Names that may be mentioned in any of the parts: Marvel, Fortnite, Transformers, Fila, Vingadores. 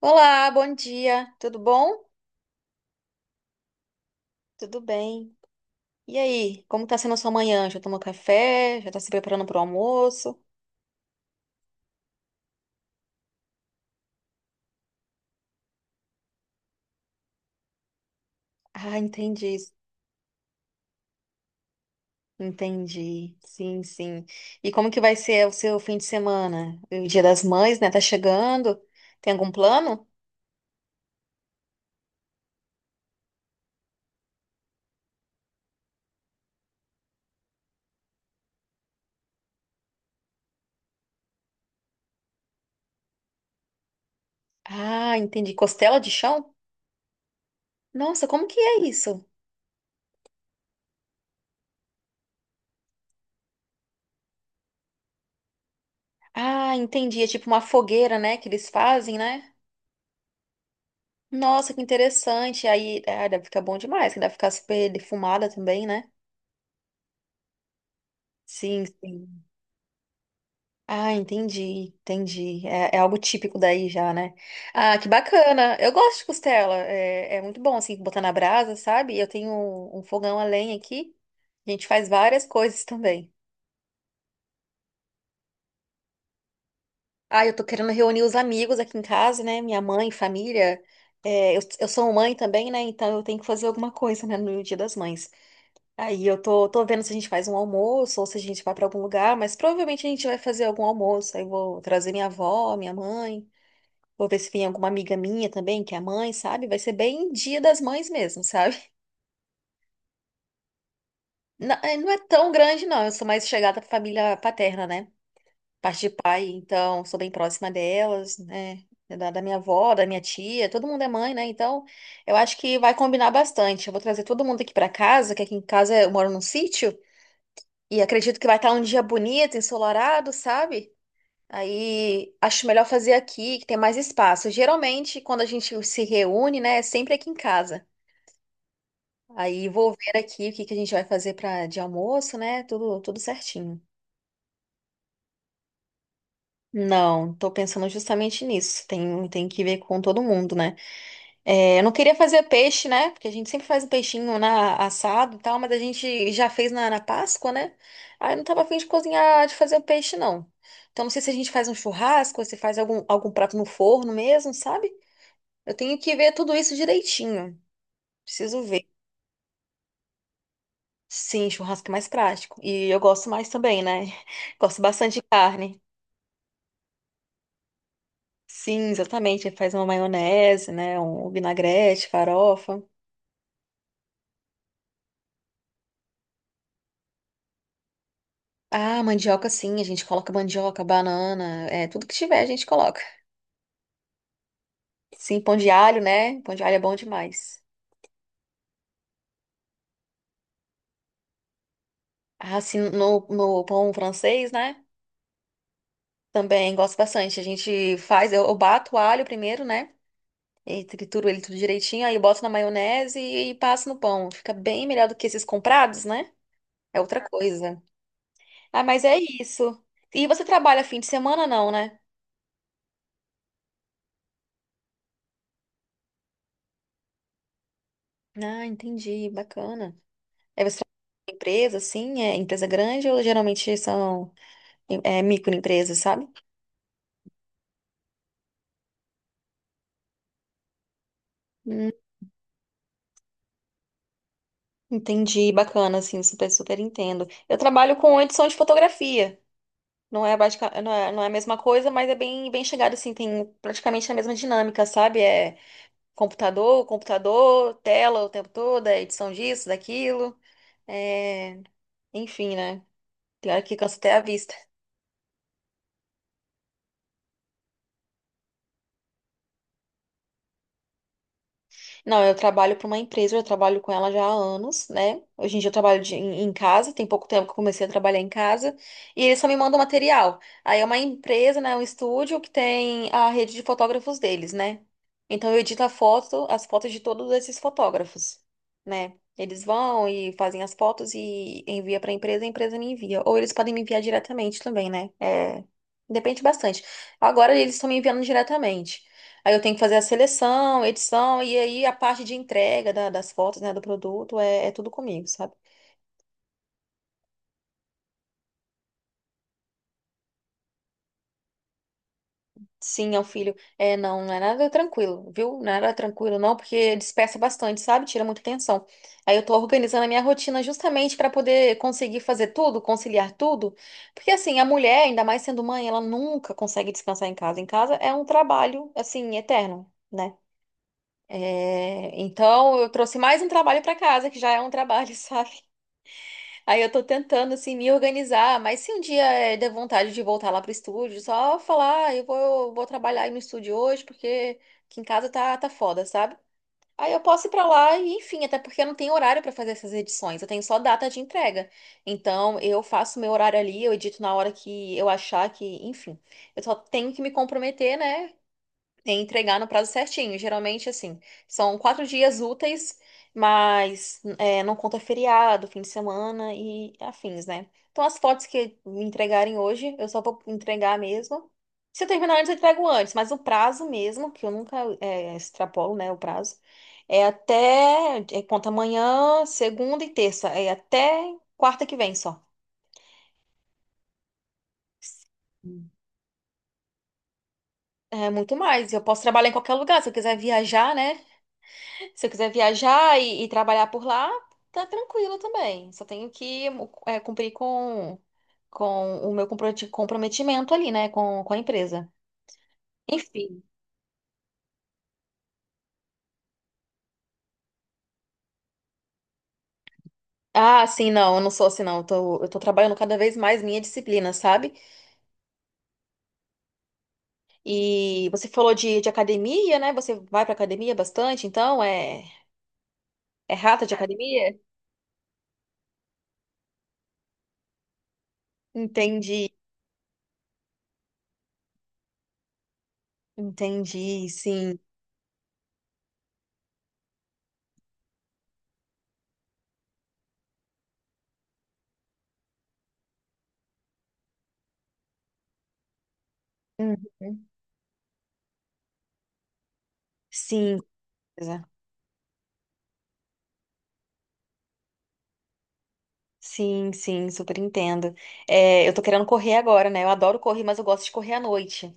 Olá, bom dia. Tudo bom? Tudo bem? E aí, como tá sendo a sua manhã? Já tomou café? Já tá se preparando para o almoço? Ah, entendi. Entendi. Sim, sim. E como que vai ser o seu fim de semana? O Dia das Mães, né? Tá chegando. Tem algum plano? Ah, entendi. Costela de chão? Nossa, como que é isso? Ah, entendi. É tipo uma fogueira, né, que eles fazem, né? Nossa, que interessante. Aí, ah, deve ficar bom demais, que deve ficar super defumada também, né? Sim, sim. Ah, entendi, entendi. É, é algo típico daí já, né? Ah, que bacana. Eu gosto de costela. É, é muito bom, assim, botar na brasa, sabe? Eu tenho um fogão a lenha aqui. A gente faz várias coisas também. Ah, eu tô querendo reunir os amigos aqui em casa, né? Minha mãe, família. É, eu sou mãe também, né? Então eu tenho que fazer alguma coisa, né? No Dia das Mães. Aí tô vendo se a gente faz um almoço ou se a gente vai pra algum lugar, mas provavelmente a gente vai fazer algum almoço. Aí eu vou trazer minha avó, minha mãe. Vou ver se vem alguma amiga minha também, que é mãe, sabe? Vai ser bem dia das mães mesmo, sabe? Não, é não é tão grande, não. Eu sou mais chegada à família paterna, né? Parte de pai, então sou bem próxima delas, né? É da minha avó, da minha tia, todo mundo é mãe, né? Então, eu acho que vai combinar bastante. Eu vou trazer todo mundo aqui pra casa, que aqui em casa eu moro num sítio, e acredito que vai estar um dia bonito, ensolarado, sabe? Aí acho melhor fazer aqui, que tem mais espaço. Geralmente, quando a gente se reúne, né, é sempre aqui em casa. Aí vou ver aqui o que que a gente vai fazer para de almoço, né? Tudo, tudo certinho. Não, tô pensando justamente nisso. Tem que ver com todo mundo, né? É, eu não queria fazer peixe, né? Porque a gente sempre faz o peixinho na, assado e tal, mas a gente já fez na Páscoa, né? Aí eu não tava afim de cozinhar, de fazer o peixe, não. Então não sei se a gente faz um churrasco, ou se faz algum prato no forno mesmo, sabe? Eu tenho que ver tudo isso direitinho. Preciso ver. Sim, churrasco é mais prático. E eu gosto mais também, né? Gosto bastante de carne. Sim, exatamente. Faz uma maionese, né? Um vinagrete, farofa. Ah, mandioca, sim. A gente coloca mandioca, banana, é, tudo que tiver a gente coloca. Sim, pão de alho, né? Pão de alho é bom demais. Ah, sim, no pão francês, né? Também gosto bastante. A gente faz, eu bato o alho primeiro, né? E trituro ele tudo direitinho, aí eu boto na maionese e passo no pão. Fica bem melhor do que esses comprados, né? É outra coisa. Ah, mas é isso. E você trabalha fim de semana, não, né? Ah, entendi. Bacana. Aí você trabalha em empresa, assim, é empresa grande ou geralmente são microempresas, sabe? Hum, entendi. Bacana, assim, super entendo. Eu trabalho com edição de fotografia. Não é a mesma coisa, mas é bem, bem chegado, assim, tem praticamente a mesma dinâmica, sabe? É computador, tela o tempo todo, é edição disso, daquilo. É... Enfim, né? Pior que cansa até a vista. Não, eu trabalho para uma empresa, eu trabalho com ela já há anos, né? Hoje em dia eu trabalho em casa, tem pouco tempo que eu comecei a trabalhar em casa, e eles só me mandam material. Aí é uma empresa, né? Um estúdio que tem a rede de fotógrafos deles, né? Então eu edito a foto, as fotos de todos esses fotógrafos, né? Eles vão e fazem as fotos e envia para a empresa me envia. Ou eles podem me enviar diretamente também, né? É, depende bastante. Agora eles estão me enviando diretamente. Aí eu tenho que fazer a seleção, edição, e aí a parte de entrega das fotos, né, do produto, é, é tudo comigo, sabe? Sim, é um filho. É, não, não é nada tranquilo, viu? Não é nada tranquilo, não, porque dispersa bastante, sabe? Tira muita atenção. Aí eu tô organizando a minha rotina justamente pra poder conseguir fazer tudo, conciliar tudo. Porque, assim, a mulher, ainda mais sendo mãe, ela nunca consegue descansar em casa. Em casa é um trabalho, assim, eterno, né? É, então, eu trouxe mais um trabalho pra casa, que já é um trabalho, sabe? Aí eu tô tentando, assim, me organizar, mas se um dia der vontade de voltar lá pro estúdio, só falar, "Ah, eu vou trabalhar aí no estúdio hoje, porque aqui em casa tá foda, sabe? Aí eu posso ir pra lá e, enfim, até porque eu não tenho horário pra fazer essas edições, eu tenho só data de entrega. Então, eu faço meu horário ali, eu edito na hora que eu achar que, enfim, eu só tenho que me comprometer, né? E entregar no prazo certinho. Geralmente, assim, são quatro dias úteis, mas não conta feriado, fim de semana e afins, né? Então, as fotos que me entregarem hoje, eu só vou entregar mesmo. Se eu terminar antes, eu entrego antes, mas o prazo mesmo, que eu nunca extrapolo, né, o prazo, é até, conta amanhã, segunda e terça, é até quarta que vem só. É muito mais. Eu posso trabalhar em qualquer lugar. Se eu quiser viajar, né? Se eu quiser viajar e trabalhar por lá, tá tranquilo também. Só tenho que cumprir com o meu comprometimento ali, né, com a empresa. Enfim. Ah, sim, não, eu não sou assim, não. Eu tô trabalhando cada vez mais minha disciplina, sabe? E você falou de academia, né? Você vai pra academia bastante, então é rata de academia? Entendi, entendi, sim. Uhum. Sim. Sim, sim, super entendo. É, eu tô querendo correr agora, né? Eu adoro correr, mas eu gosto de correr à noite.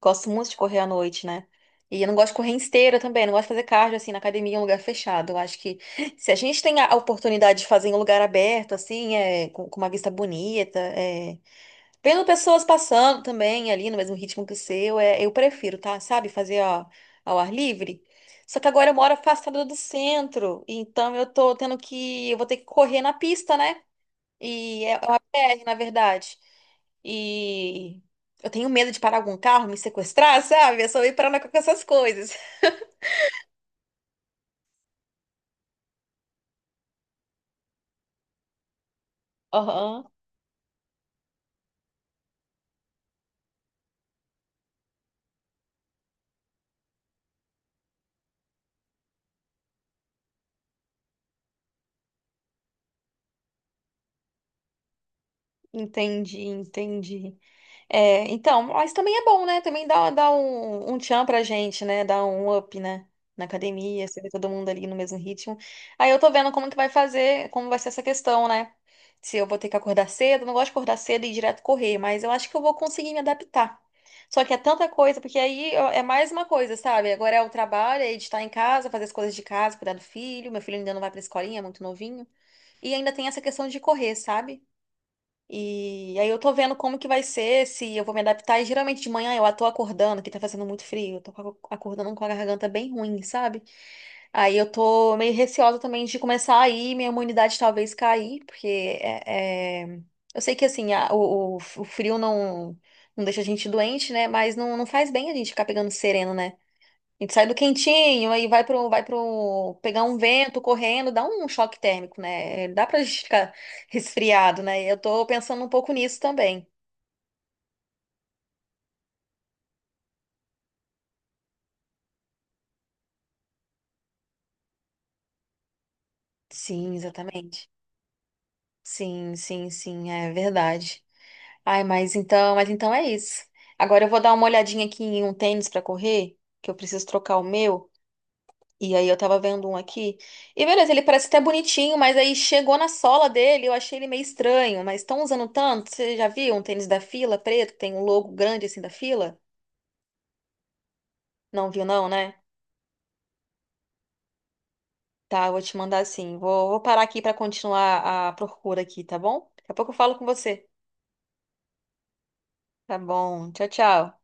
Gosto muito de correr à noite, né? E eu não gosto de correr em esteira também, não gosto de fazer cardio assim na academia em um lugar fechado. Eu acho que se a gente tem a oportunidade de fazer em um lugar aberto, assim, é, com uma vista bonita, é, vendo pessoas passando também ali no mesmo ritmo que o seu, é, eu prefiro, tá? Sabe? Fazer ó, ao ar livre. Só que agora eu moro afastada do centro, então eu tô tendo que, eu vou ter que correr na pista, né? E é uma BR, na verdade. E eu tenho medo de parar algum carro, me sequestrar, sabe? Eu sou ir parando com essas coisas. Aham. Entendi, entendi. É, então, mas também é bom, né? Também dá um tchan pra gente, né? Dá um up, né? Na academia, você vê todo mundo ali no mesmo ritmo. Aí eu tô vendo como que vai fazer, como vai ser essa questão, né? Se eu vou ter que acordar cedo, eu não gosto de acordar cedo e ir direto correr, mas eu acho que eu vou conseguir me adaptar. Só que é tanta coisa, porque aí ó, é mais uma coisa, sabe? Agora é o trabalho, é de estar em casa, fazer as coisas de casa, cuidar do filho. Meu filho ainda não vai pra escolinha, é muito novinho. E ainda tem essa questão de correr, sabe? E aí eu tô vendo como que vai ser, se eu vou me adaptar. E geralmente de manhã eu tô acordando, que tá fazendo muito frio, eu tô acordando com a garganta bem ruim, sabe? Aí eu tô meio receosa também de começar a ir, minha imunidade talvez cair, porque eu sei que assim, o frio não, não deixa a gente doente, né? Mas não, não faz bem a gente ficar pegando sereno, né? A gente sai do quentinho, aí vai pro pegar um vento correndo, dá um choque térmico, né? Dá pra gente ficar resfriado, né? Eu tô pensando um pouco nisso também. Sim, exatamente. Sim, sim, sim, é verdade. Ai, mas então é isso. Agora eu vou dar uma olhadinha aqui em um tênis pra correr, que eu preciso trocar o meu. E aí eu tava vendo um aqui. E beleza, ele parece até bonitinho, mas aí chegou na sola dele, eu achei ele meio estranho. Mas estão usando tanto? Você já viu um tênis da Fila preto, que tem um logo grande assim da Fila? Não viu não, né? Tá, eu vou te mandar assim. Vou parar aqui pra continuar a procura aqui, tá bom? Daqui a pouco eu falo com você. Tá bom. Tchau, tchau.